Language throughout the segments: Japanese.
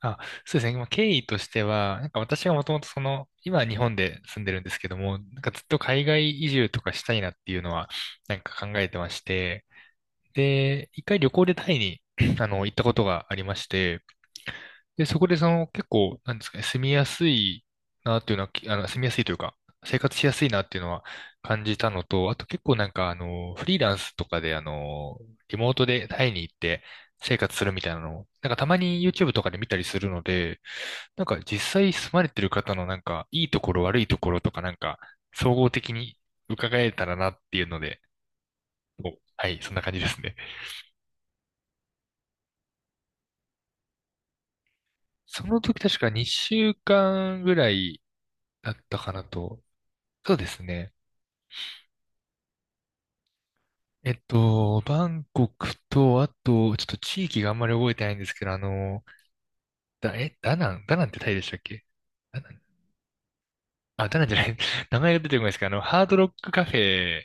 あ、そうですね。まあ、経緯としては、私がもともと今は日本で住んでるんですけども、ずっと海外移住とかしたいなっていうのは、考えてまして、で、一回旅行でタイに 行ったことがありまして、で、そこで結構、なんですかね、住みやすいなっていうのは、きあの、住みやすいというか、生活しやすいなっていうのは感じたのと、あと結構なんかあの、フリーランスとかで、リモートでタイに行って生活するみたいなのを、たまに YouTube とかで見たりするので、実際住まれてる方のいいところ悪いところとか総合的に伺えたらなっていうので、はい、そんな感じですね。その時確か2週間ぐらいだったかなと。そうですね。えっと、バンコクと、あと、ちょっと地域があんまり覚えてないんですけど、ダナン、ダナンってタイでしたっけ？ダナン、あ、ダナンじゃない、名前が出てこないですけど、あの、ハードロックカフェ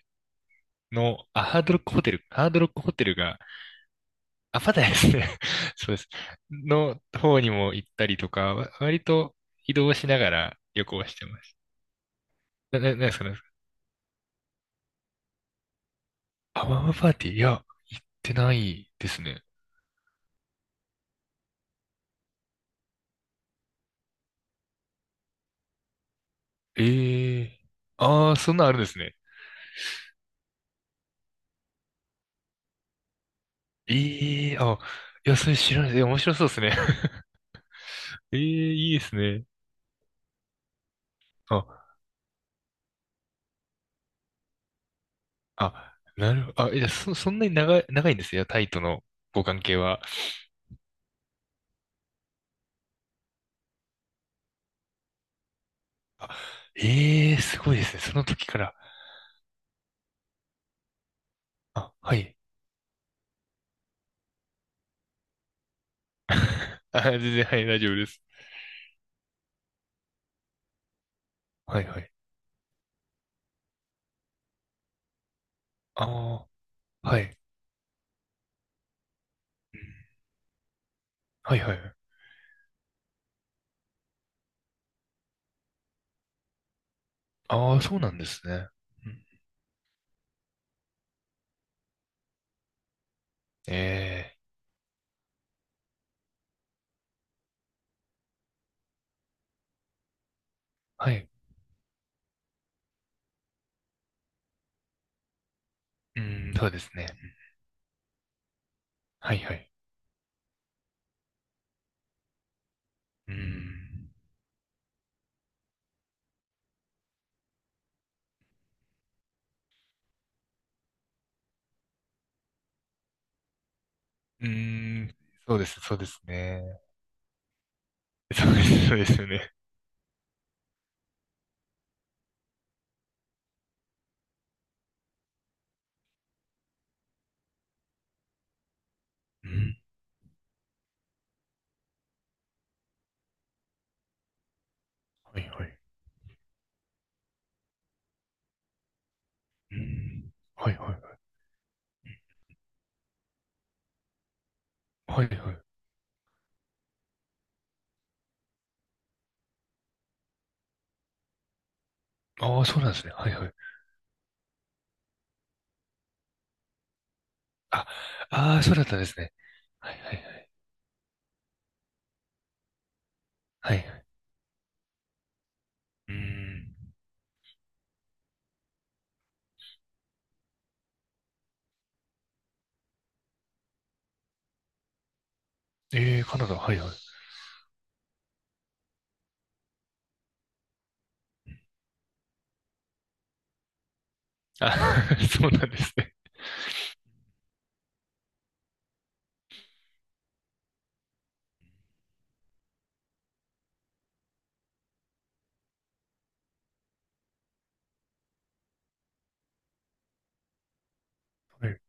の、あ、ハードロックホテル、ハードロックホテルが、あ、パタヤですね。そうです。の方にも行ったりとか、割と移動しながら旅行してます。なんですかね。アワマパーティー、いや、行ってないですね。ええー、ああー、そんなんあるんですね。ええー、あ、いや、それ知らない。え、面白そうですね。ええー、いいですね。あ、あ、なるほど。あ、いや、そんなに長い、長いんですよ、タイとのご関係は。あ、ええー、すごいですね。その時から。あ、はい。あ、全然、はい、大丈夫です。はい、はい。ああ、はい。うん、はい、はい。はい。ああ、そうなんですね。うん。ええ、はい。うん、そうですね。はい、はい。うん。うーん。そうです、そうですね。そうです、そうですよね。うん。はいはい。うん。はいはい。はいはい。ああ、そうなんですね。はいはい。あ、ああ、そうだったんですね。はいはいはい。はいはい。うん。ええ、カナダ、はいはい。あ、そうなんですね。はい。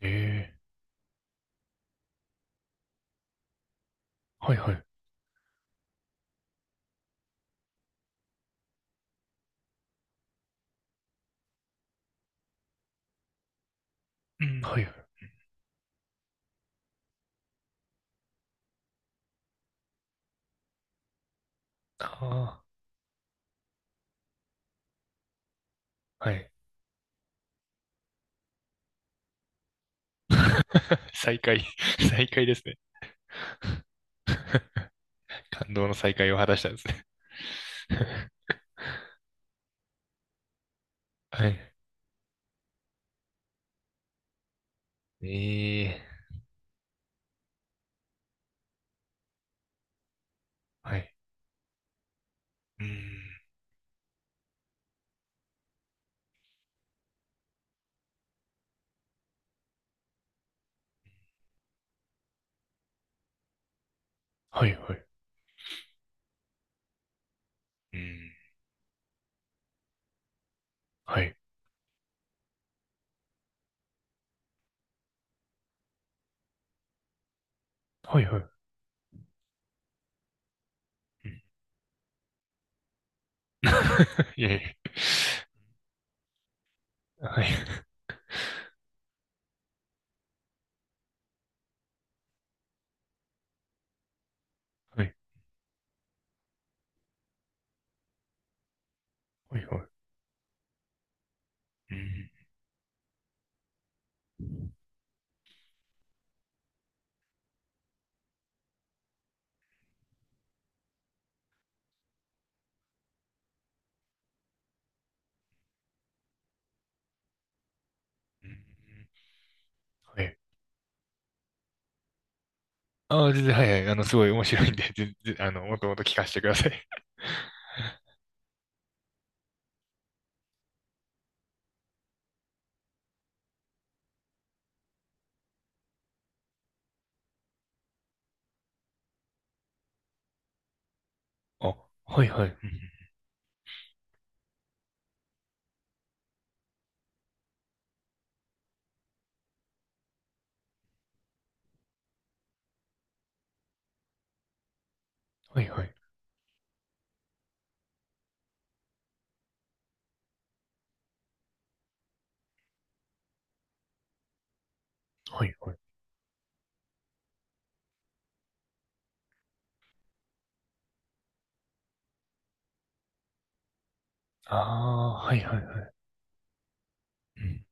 ええ、はいはい。うん、はいはい。ああ、はい。再会、再会ですね。感動の再会を果たしたんですね。はい。ええ、はい。うん。はいはい。うん。はい。はいはい。うん。 いやいや。はいはい。はいはい。うん。うん、はい。ああ、全然、はいはい。あの、すごい面白いんで、全然、あの、もともと聞かせてください。あ、はいはい。うん、はいはい。はいはい。ああ、はいはいはい。うん、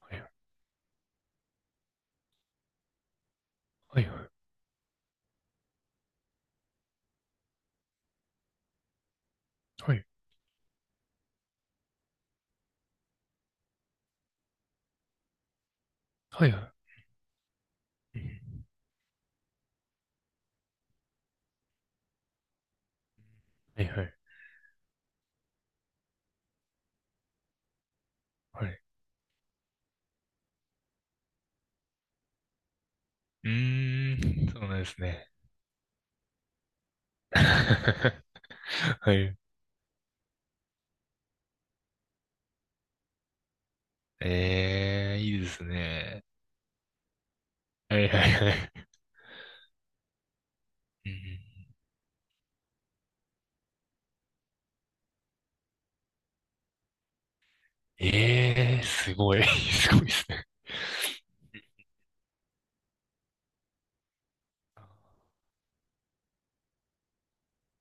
はいはい。はいはい。はい、うん、はい。はいはいはい、ああ、はいはいはい、うん、はいはいはいはいはいはいはいはいはい、うーん、そうなんですね。はい。ええ、いいですね。はいはいはい。うん。ええー、すごい。すごいですね。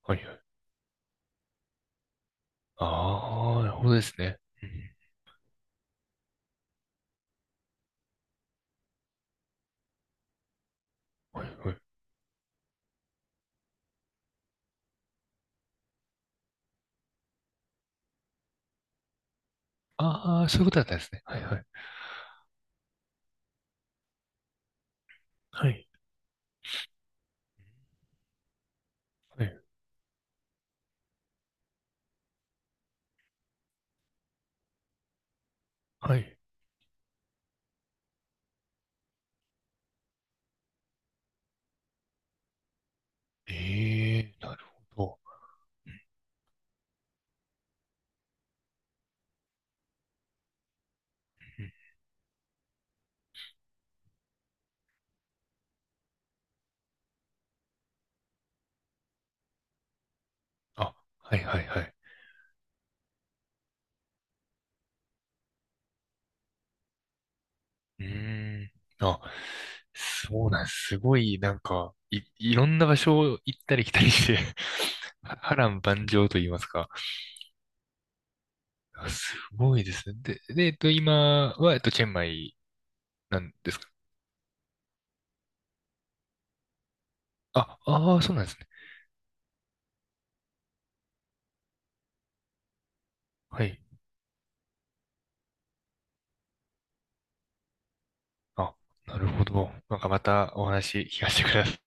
はいはい。ああ、なるほどですね。うん、はいはい。ああ、そういうことだったんですね。はいはい。はい。はい。はい。ええー、なるほど。うん、あ、はいはいはい。うーん。あ、そうなんです。すごい、なんか、いろんな場所を行ったり来たりして 波乱万丈と言いますか。あ、すごいですね。で、で、えっと、今は、えっと、チェンマイなんですか？あ、ああ、そうなんですね。はい。あ、なるほど。なんかまたお話聞かせてください。